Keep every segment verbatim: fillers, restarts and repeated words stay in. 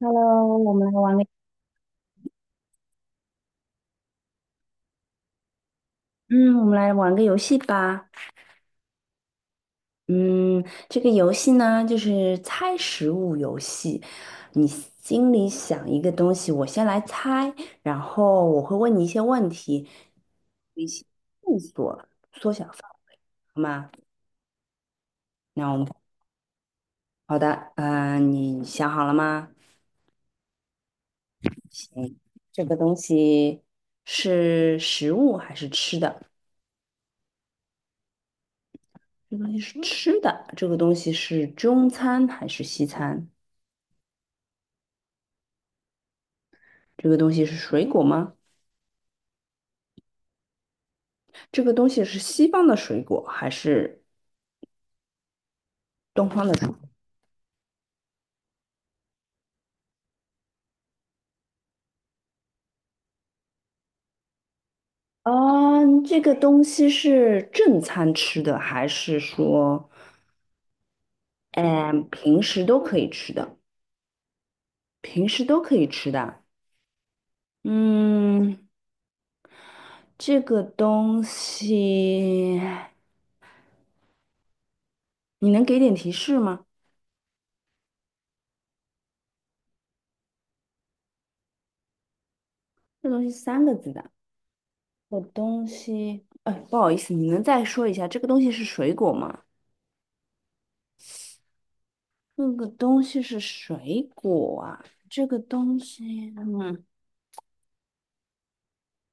Hello，我们来玩个，嗯，我们来玩个游戏吧。嗯，这个游戏呢，就是猜食物游戏。你心里想一个东西，我先来猜，然后我会问你一些问题，一些线索，缩小范围，好吗？那我们好的，嗯，你想好了吗？行，这个东西是食物还是吃的？这个东西是吃的，这个东西是中餐还是西餐？这个东西是水果吗？这个东西是西方的水果还是东方的水果？啊，这个东西是正餐吃的，还是说，嗯，平时都可以吃的？平时都可以吃的啊。嗯，这个东西，你能给点提示吗？这东西三个字的。这个东西，哎，不好意思，你能再说一下，这个东西是水果吗？这个东西是水果啊，这个东西，嗯，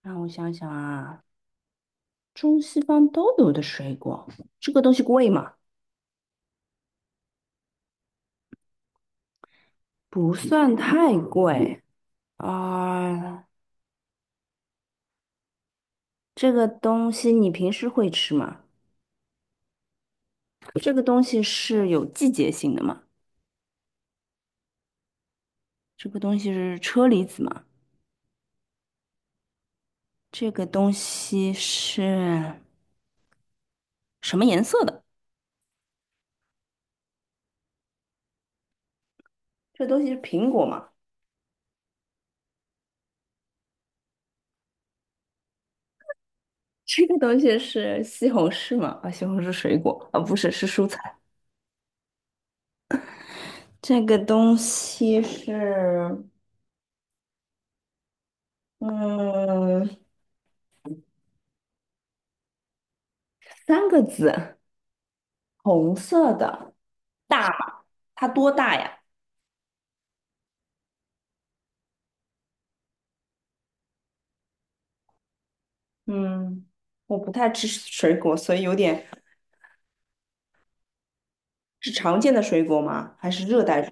让我想想啊，中西方都有的水果，这个东西贵吗？不算太贵啊，这个东西你平时会吃吗？这个东西是有季节性的吗？这个东西是车厘子吗？这个东西是什么颜色的？这东西是苹果吗？这个东西是西红柿吗？啊，西红柿水果啊，不是，是蔬菜。这个东西是，嗯，三个字，红色的，大吗？它多大呀？嗯，我不太吃水果，所以有点，是常见的水果吗？还是热带水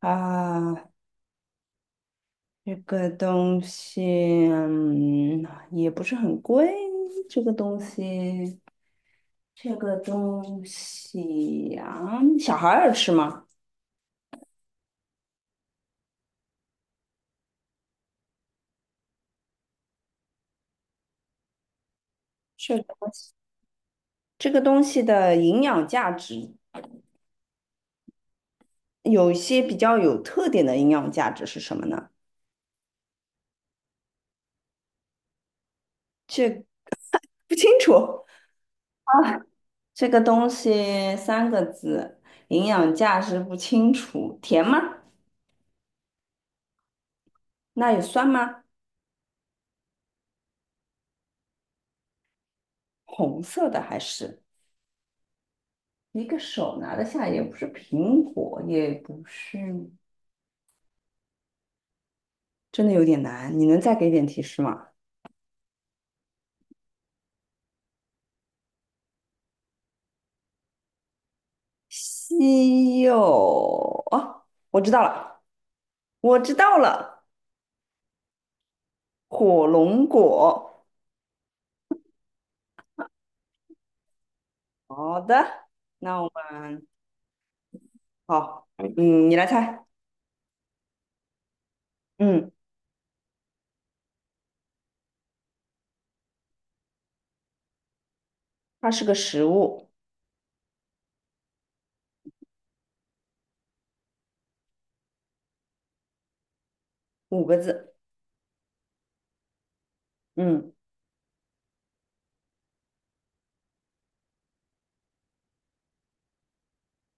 啊？这个东西，嗯，也不是很贵。这个东西，这个东西呀，小孩儿吃吗？这个这个东西的营养价值。有一些比较有特点的营养价值是什么呢？这不清楚。这个东西三个字，营养价值不清楚。甜吗？那有酸吗？红色的还是一个手拿得下，也不是苹果，也不是，真的有点难。你能再给点提示吗？西柚哦，我知道了，我知道了，火龙果。好的，那我们。好，嗯，你来猜。嗯，它是个食物，五个字。嗯，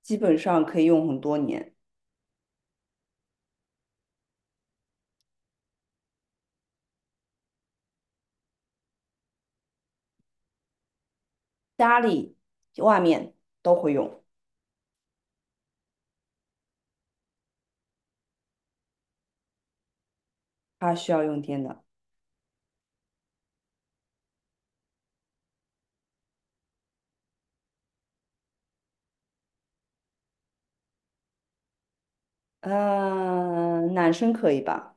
基本上可以用很多年，家里、外面都会用。它需要用电的。嗯、男生可以吧？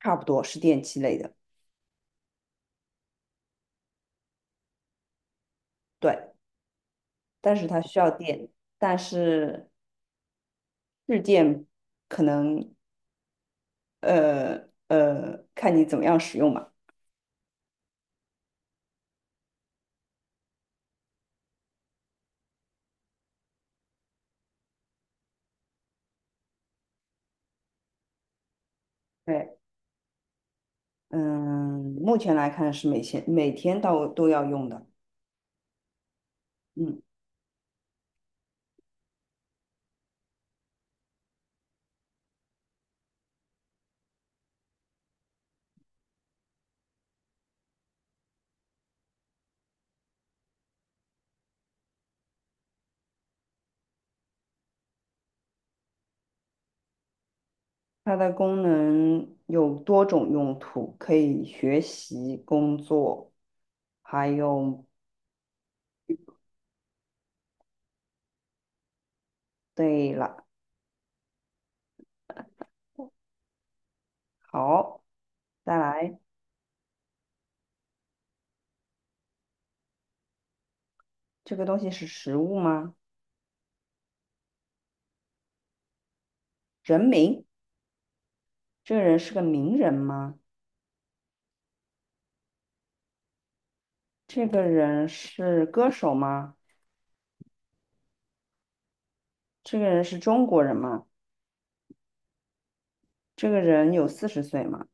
差不多是电器类的。对，但是它需要电，但是日电可能呃呃，看你怎么样使用吧。对，嗯，目前来看是每天每天到都要用的。嗯。它的功能有多种用途，可以学习、工作，还有，对了，好，再来，这个东西是食物吗？人名，这个人是个名人吗？这个人是歌手吗？这个人是中国人吗？这个人有四十岁吗？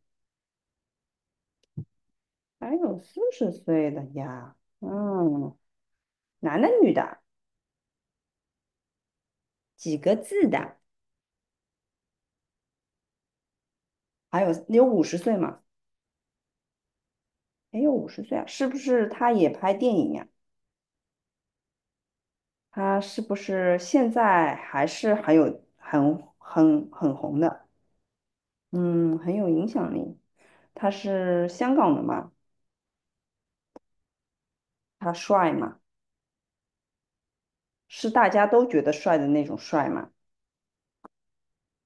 还有四十岁的呀，嗯，男的女的，几个字的？还有有五十岁吗？没有五十岁啊，是不是他也拍电影呀？他是不是现在还是很有很很很红的？嗯，很有影响力。他是香港的嘛？他帅嘛？是大家都觉得帅的那种帅嘛？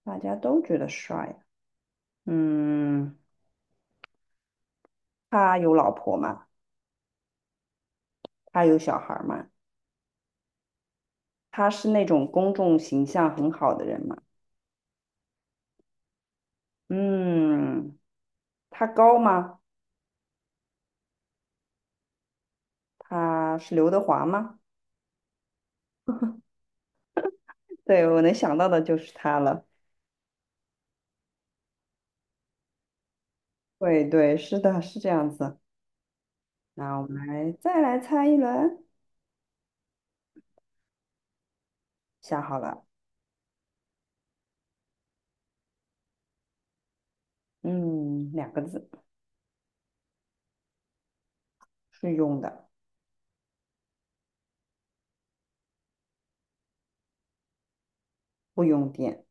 大家都觉得帅啊。嗯，他有老婆嘛？他有小孩嘛？他是那种公众形象很好的人嘛？嗯，他高吗？他是刘德华吗？对，我能想到的就是他了。对对，是的，是这样子。那我们来再来猜一轮，想好了，嗯，两个字，是用的，不用电，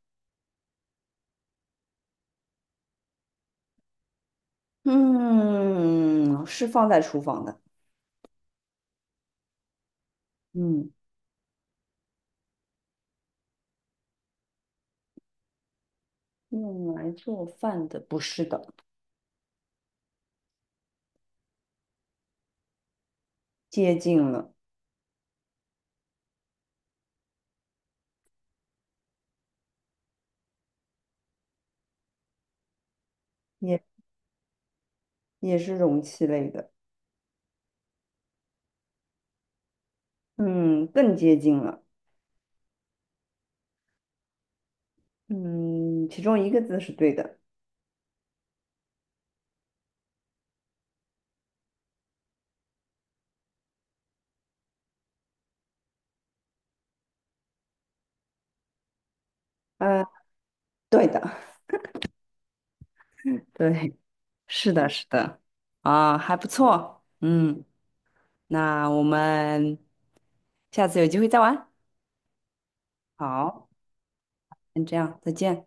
嗯，是放在厨房的，嗯，用来做饭的，不是的，接近了，也也是容器类的，嗯，更接近了，嗯，其中一个字是对的，呃，对的，对，是的，是的，啊，还不错，嗯，那我们。下次有机会再玩。好，先这样，再见。